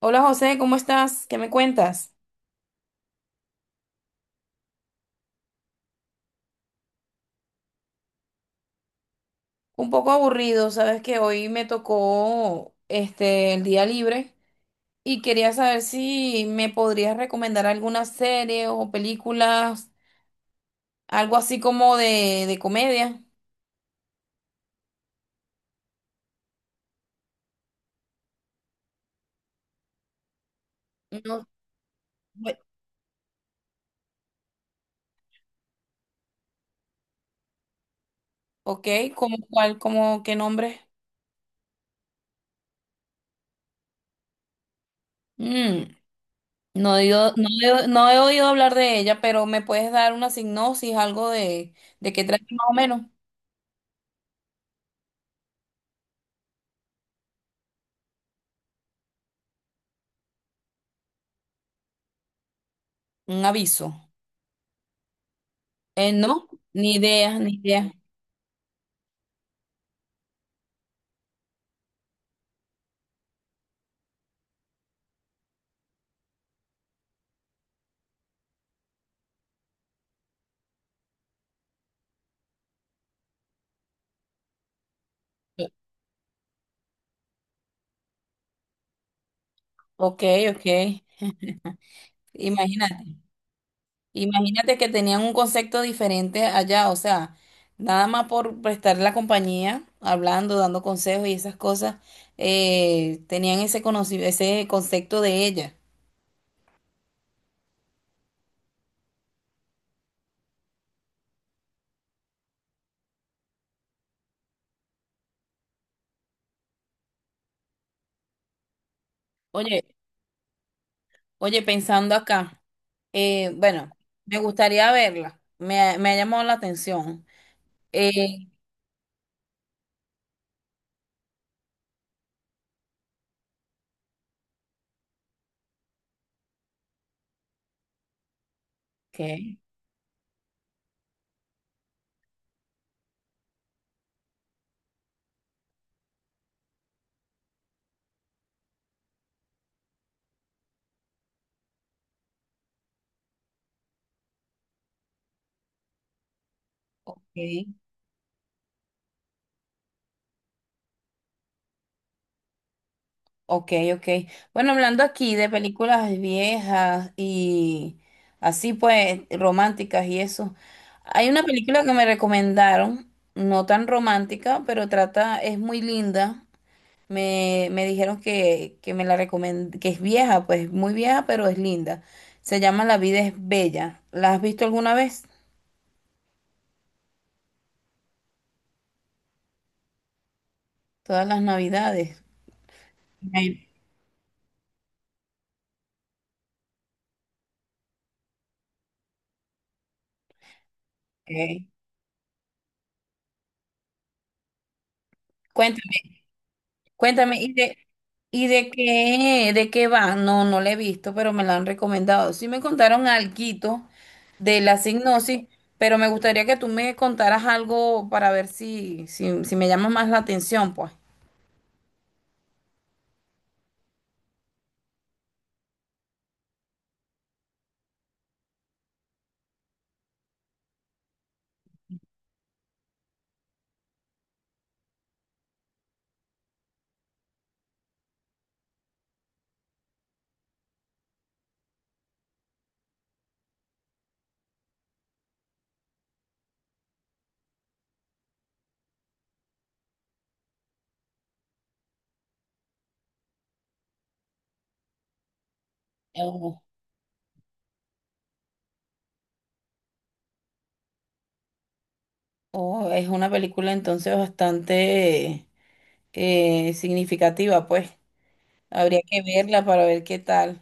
Hola José, ¿cómo estás? ¿Qué me cuentas? Un poco aburrido, sabes que hoy me tocó el día libre y quería saber si me podrías recomendar alguna serie o películas, algo así como de comedia. No, bu- ok, ¿cómo cuál, cómo qué nombre? Mm, no no he oído hablar de ella, pero me puedes dar una sinopsis, algo de qué trata más o menos, un aviso. No, ni idea, ni idea. Ok, ok. Imagínate, imagínate que tenían un concepto diferente allá, o sea, nada más por prestar la compañía, hablando, dando consejos y esas cosas, tenían ese ese concepto de ella. Oye, oye, pensando acá, bueno, me gustaría verla, me ha llamado la atención. Eh, ok, ok. Ok, ok. Bueno, hablando aquí de películas viejas y así pues románticas y eso. Hay una película que me recomendaron, no tan romántica, pero trata, es muy linda. Me dijeron que me la recomend que es vieja, pues muy vieja, pero es linda. Se llama La vida es bella. ¿La has visto alguna vez? Todas las navidades. Ay, ok. Cuéntame, cuéntame, y de qué, ¿de qué va? No, no la he visto, pero me la han recomendado. Sí me contaron alguito de la signosis, pero me gustaría que tú me contaras algo para ver si, si, si me llama más la atención, pues. Oh, oh, es una película entonces bastante significativa, pues. Habría que verla para ver qué tal.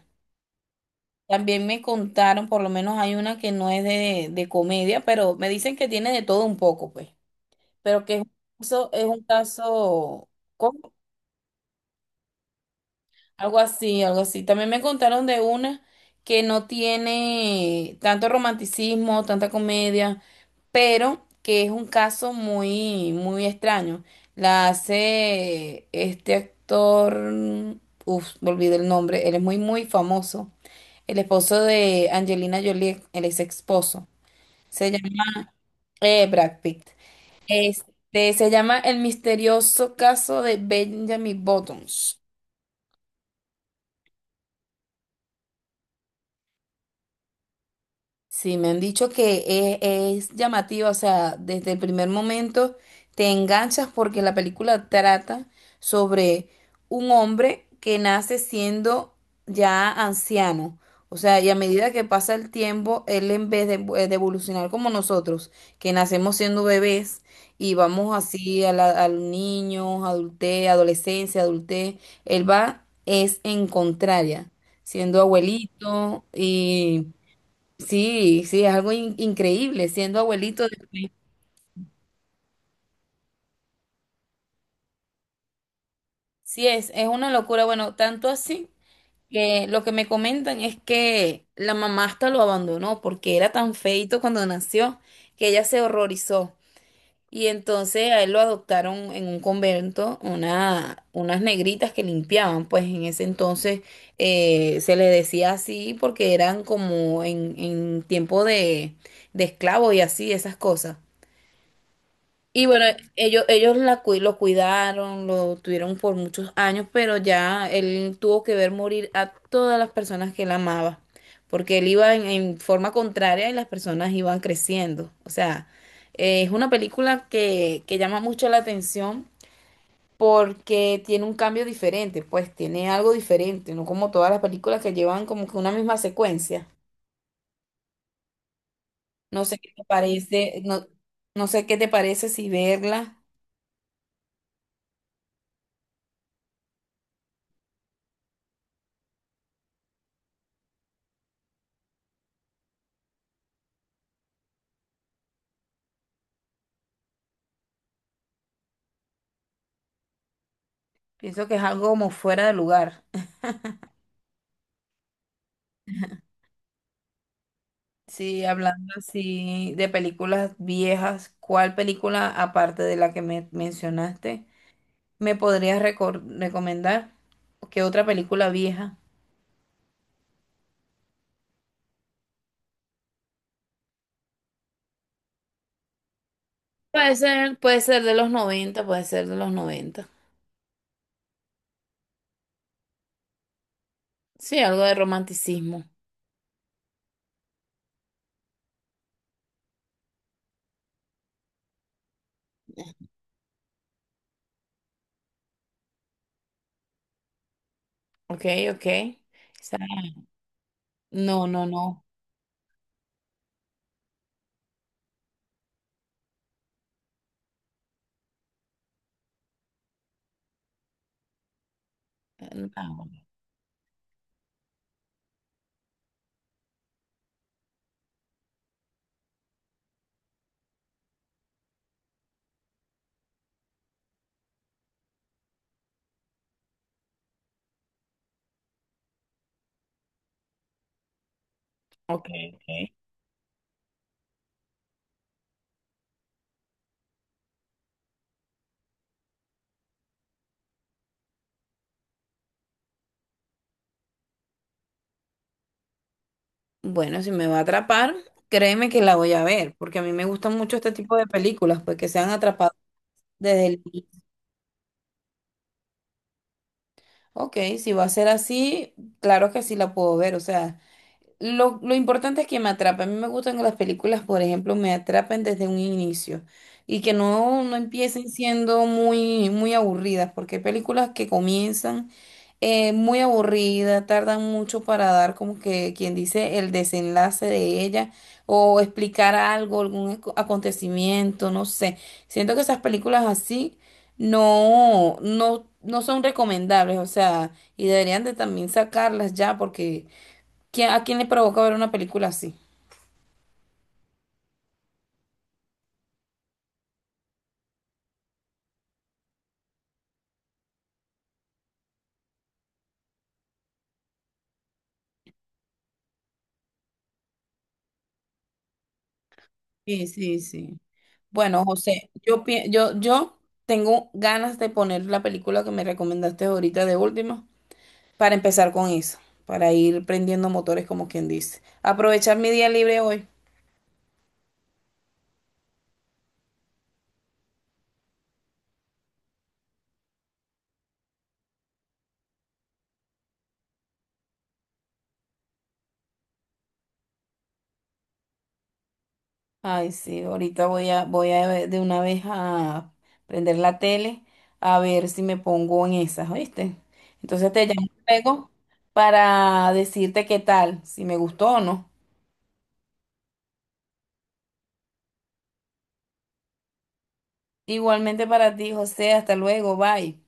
También me contaron, por lo menos hay una que no es de comedia, pero me dicen que tiene de todo un poco, pues. Pero que es un caso, ¿cómo? Algo así, algo así. También me contaron de una que no tiene tanto romanticismo, tanta comedia, pero que es un caso muy, muy extraño. La hace este actor, uff, me olvidé el nombre, él es muy, muy famoso. El esposo de Angelina Jolie, el ex esposo. Se llama Brad Pitt. Este, se llama El misterioso caso de Benjamin Buttons. Sí, me han dicho que es llamativa, o sea, desde el primer momento te enganchas porque la película trata sobre un hombre que nace siendo ya anciano. O sea, y a medida que pasa el tiempo, él en vez de evolucionar como nosotros, que nacemos siendo bebés y vamos así a los niños, adultez, adolescencia, adultez, él va es en contraria, siendo abuelito. Sí, sí, es algo increíble siendo abuelito. Sí, es una locura. Bueno, tanto así que lo que me comentan es que la mamá hasta lo abandonó porque era tan feito cuando nació que ella se horrorizó. Y entonces a él lo adoptaron en un convento unas negritas que limpiaban, pues en ese entonces se le decía así porque eran como en tiempo de esclavos y así, esas cosas. Y bueno, lo cuidaron, lo tuvieron por muchos años, pero ya él tuvo que ver morir a todas las personas que él amaba, porque él iba en forma contraria y las personas iban creciendo. O sea, es una película que llama mucho la atención porque tiene un cambio diferente, pues tiene algo diferente, no como todas las películas que llevan como que una misma secuencia. No sé qué te parece, no, no sé qué te parece si verla. Pienso que es algo como fuera de lugar. Sí, hablando así de películas viejas, ¿cuál película, aparte de la que me mencionaste, me podrías recomendar? ¿Qué otra película vieja? Puede ser de los 90, puede ser de los noventa. Sí, algo de romanticismo. Ok, ok. Esa- No, no, no. No. Ok, ok. Bueno, si me va a atrapar, créeme que la voy a ver, porque a mí me gustan mucho este tipo de películas, pues que sean atrapadas desde el Ok, si va a ser así, claro que sí la puedo ver, o sea, lo importante es que me atrapen. A mí me gustan que las películas, por ejemplo, me atrapen desde un inicio y que no, no empiecen siendo muy, muy aburridas, porque hay películas que comienzan muy aburridas, tardan mucho para dar como que quien dice el desenlace de ella o explicar algo, algún acontecimiento, no sé. Siento que esas películas así no, no, no son recomendables, o sea, y deberían de también sacarlas ya porque... ¿Quién- ¿a quién le provoca ver una película así? Sí, sí, sí. Bueno, José, yo tengo ganas de poner la película que me recomendaste ahorita de última para empezar con eso, para ir prendiendo motores como quien dice. Aprovechar mi día libre hoy. Ay, sí, ahorita voy a ver de una vez a prender la tele a ver si me pongo en esas, ¿oíste? Entonces te llamo luego para decirte qué tal, si me gustó o no. Igualmente para ti, José. Hasta luego. Bye.